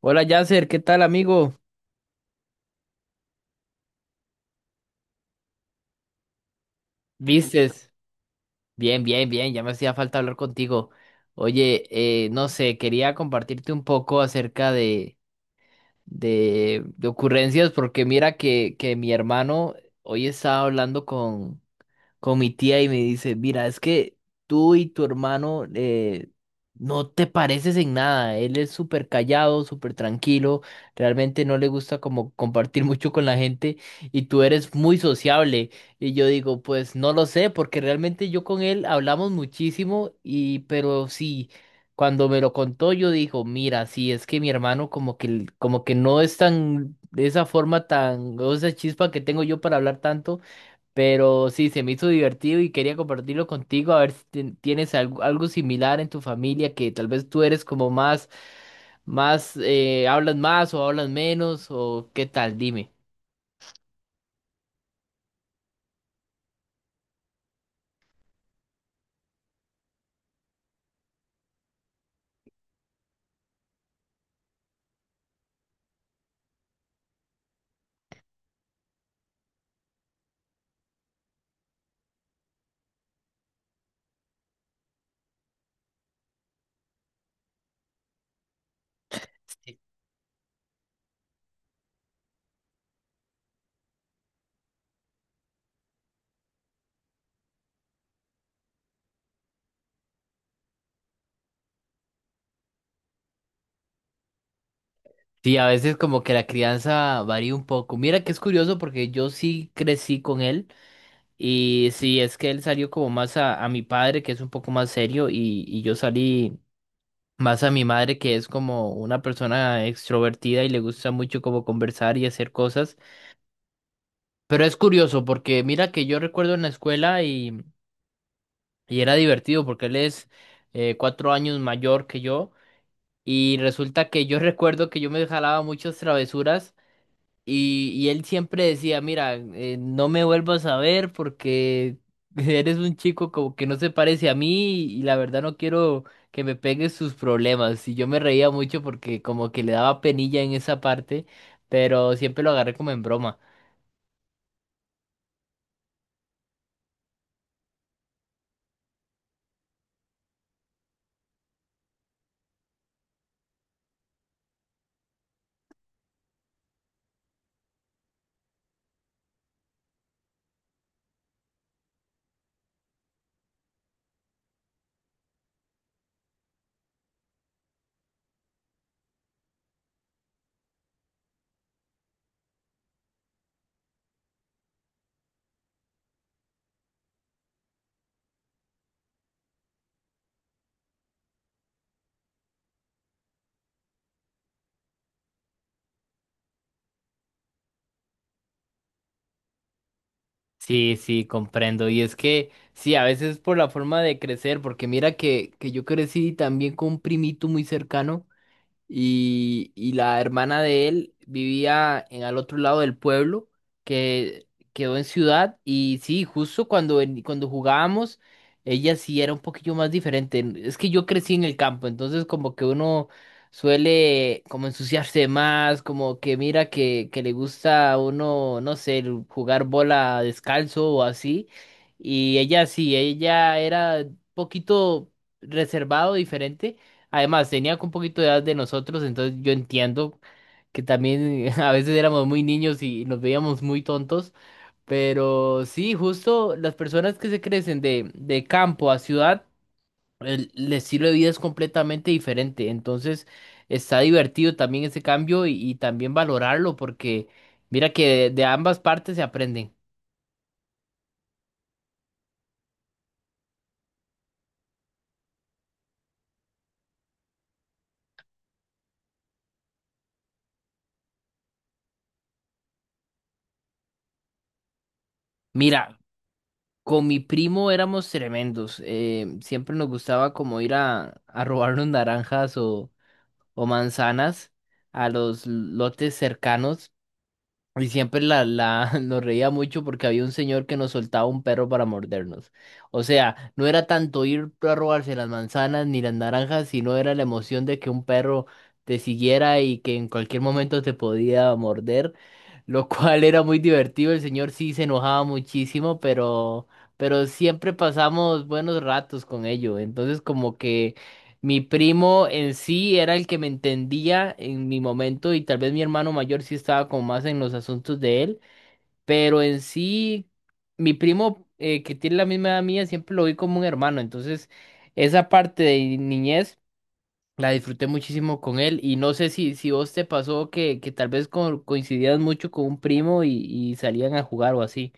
Hola Yasser, ¿qué tal amigo? ¿Vistes? Bien, bien, bien, ya me hacía falta hablar contigo. Oye, no sé, quería compartirte un poco acerca de ocurrencias porque mira que mi hermano hoy estaba hablando con mi tía y me dice, mira, es que tú y tu hermano no te pareces en nada. Él es súper callado, súper tranquilo, realmente no le gusta como compartir mucho con la gente y tú eres muy sociable. Y yo digo, pues no lo sé, porque realmente yo con él hablamos muchísimo y pero sí. Cuando me lo contó, yo dijo, mira, sí, es que mi hermano como que no es tan, de esa forma tan, o esa chispa que tengo yo para hablar tanto, pero sí, se me hizo divertido y quería compartirlo contigo, a ver si tienes algo similar en tu familia, que tal vez tú eres como más, hablas más o hablas menos, o qué tal, dime. Sí, a veces como que la crianza varía un poco. Mira que es curioso porque yo sí crecí con él y sí, es que él salió como más a mi padre, que es un poco más serio, y yo salí más a mi madre, que es como una persona extrovertida y le gusta mucho como conversar y hacer cosas. Pero es curioso porque mira que yo recuerdo en la escuela y era divertido porque él es 4 años mayor que yo y resulta que yo recuerdo que yo me jalaba muchas travesuras y él siempre decía, mira, no me vuelvas a ver porque eres un chico como que no se parece a mí y la verdad no quiero que me pegues sus problemas. Y yo me reía mucho porque como que le daba penilla en esa parte, pero siempre lo agarré como en broma. Sí, sí, comprendo. Y es que, sí, a veces por la forma de crecer, porque mira que yo crecí también con un primito muy cercano y la hermana de él vivía en al otro lado del pueblo, que quedó en ciudad, y sí, justo cuando jugábamos, ella sí era un poquillo más diferente. Es que yo crecí en el campo, entonces como que uno suele como ensuciarse más, como que mira que le gusta a uno, no sé, el jugar bola descalzo o así, y ella sí, ella era un poquito reservado, diferente. Además, tenía un poquito de edad de nosotros, entonces yo entiendo que también a veces éramos muy niños y nos veíamos muy tontos, pero sí, justo las personas que se crecen de campo a ciudad, el estilo de vida es completamente diferente, entonces está divertido también ese cambio y también valorarlo porque mira que de ambas partes se aprenden. Mira, con mi primo éramos tremendos, siempre nos gustaba como ir a robarnos naranjas o manzanas a los lotes cercanos y siempre nos reía mucho porque había un señor que nos soltaba un perro para mordernos. O sea, no era tanto ir a robarse las manzanas ni las naranjas, sino era la emoción de que un perro te siguiera y que en cualquier momento te podía morder, lo cual era muy divertido. El señor sí se enojaba muchísimo, Pero siempre pasamos buenos ratos con ello. Entonces, como que mi primo en sí era el que me entendía en mi momento y tal vez mi hermano mayor sí estaba como más en los asuntos de él, pero en sí mi primo que tiene la misma edad mía siempre lo vi como un hermano, entonces esa parte de niñez la disfruté muchísimo con él y no sé si vos te pasó que tal vez coincidías mucho con un primo y salían a jugar o así.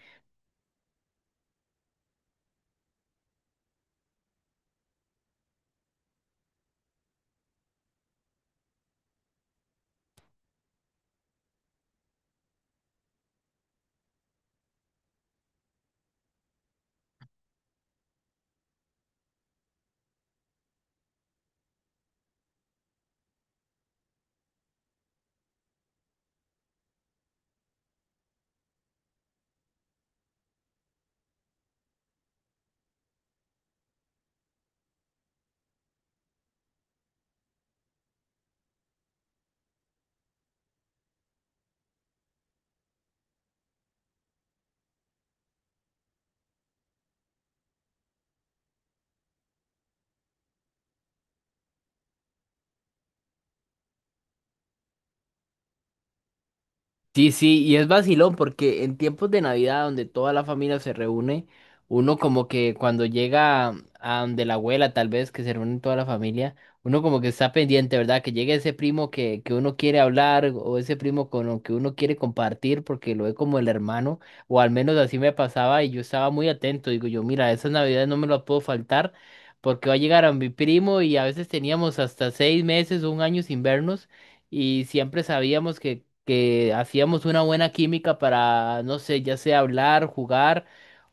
Sí, sí, y es vacilón porque en tiempos de Navidad donde toda la familia se reúne, uno como que cuando llega a donde la abuela tal vez que se reúne toda la familia, uno como que está pendiente, ¿verdad? Que llegue ese primo que uno quiere hablar o ese primo con el que uno quiere compartir porque lo ve como el hermano, o al menos así me pasaba y yo estaba muy atento, digo yo, mira, esas Navidades no me las puedo faltar porque va a llegar a mi primo y a veces teníamos hasta 6 meses o un año sin vernos y siempre sabíamos que hacíamos una buena química para, no sé, ya sea hablar, jugar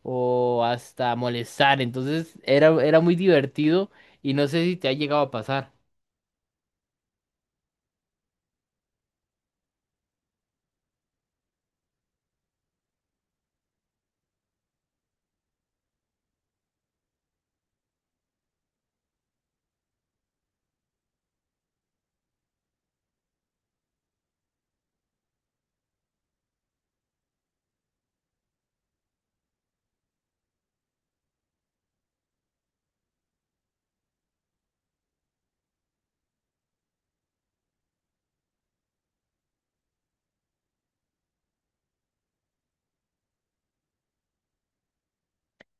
o hasta molestar. Entonces era muy divertido y no sé si te ha llegado a pasar.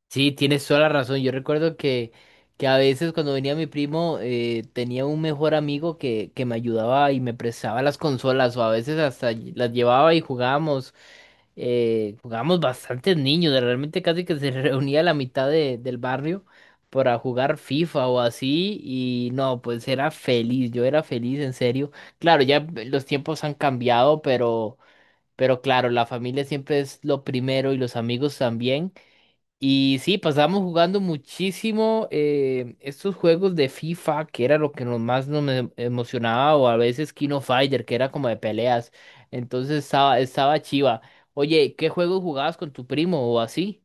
Sí, tienes toda la razón. Yo recuerdo que a veces cuando venía mi primo tenía un mejor amigo que me ayudaba y me prestaba las consolas o a veces hasta las llevaba y jugábamos. Jugábamos bastantes niños, realmente casi que se reunía la mitad del barrio para jugar FIFA o así y no, pues era feliz, yo era feliz en serio. Claro, ya los tiempos han cambiado, pero claro, la familia siempre es lo primero y los amigos también. Y sí, pasábamos jugando muchísimo estos juegos de FIFA, que era lo que nos más nos emocionaba, o a veces Kino Fighter, que era como de peleas. Entonces estaba chiva. Oye, ¿qué juegos jugabas con tu primo o así?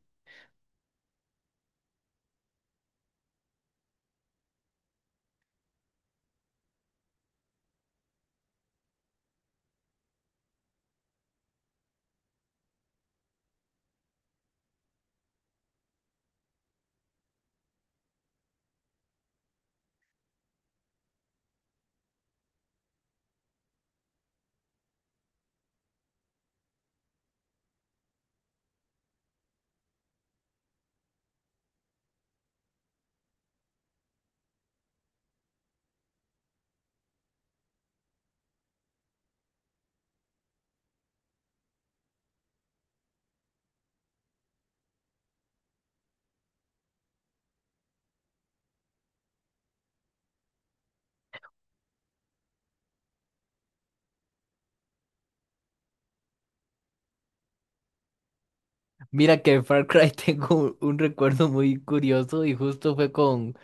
Mira que en Far Cry tengo un recuerdo muy curioso y justo fue con,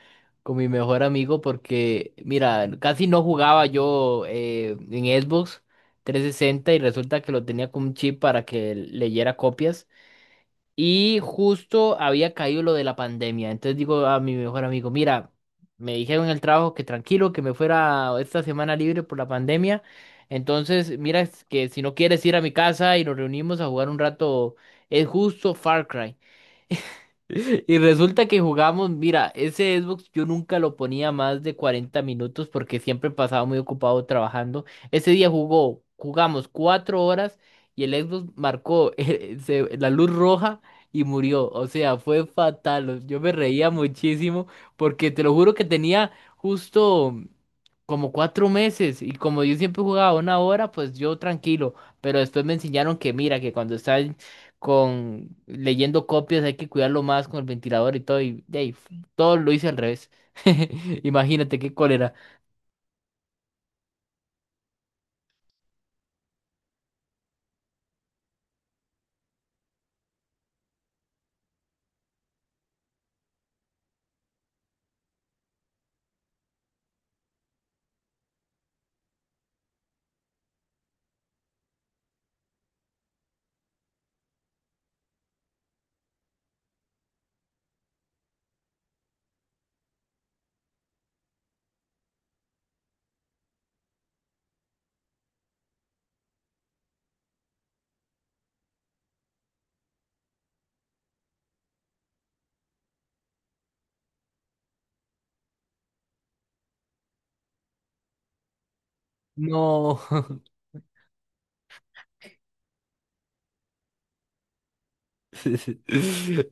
con mi mejor amigo porque, mira, casi no jugaba yo en Xbox 360 y resulta que lo tenía con un chip para que leyera copias. Y justo había caído lo de la pandemia. Entonces digo a mi mejor amigo, mira, me dijeron en el trabajo que tranquilo, que me fuera esta semana libre por la pandemia. Entonces, mira, es que si no quieres ir a mi casa y nos reunimos a jugar un rato, es justo Far Cry. Y resulta que jugamos, mira, ese Xbox yo nunca lo ponía más de 40 minutos porque siempre pasaba muy ocupado trabajando. Ese día jugamos 4 horas y el Xbox marcó la luz roja y murió. O sea, fue fatal. Yo me reía muchísimo porque te lo juro que tenía justo como 4 meses y como yo siempre jugaba una hora, pues yo tranquilo, pero después me enseñaron que mira, que cuando estás con leyendo copias hay que cuidarlo más con el ventilador y todo y de ahí, todo lo hice al revés. Imagínate qué cólera. No.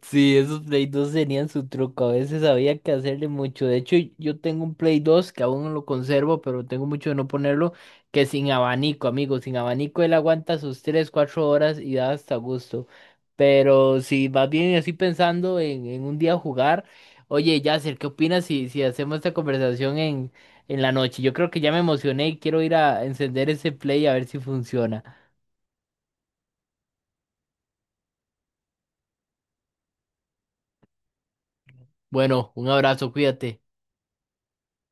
Sí, esos Play 2 tenían su truco. A veces había que hacerle mucho. De hecho, yo tengo un Play 2 que aún no lo conservo, pero tengo mucho de no ponerlo, que sin abanico, amigo. Sin abanico él aguanta sus 3, 4 horas y da hasta gusto. Pero si vas bien así pensando en un día jugar, oye, Yasser, ¿qué opinas si hacemos esta conversación en la noche? Yo creo que ya me emocioné y quiero ir a encender ese Play a ver si funciona. Bueno, un abrazo, cuídate.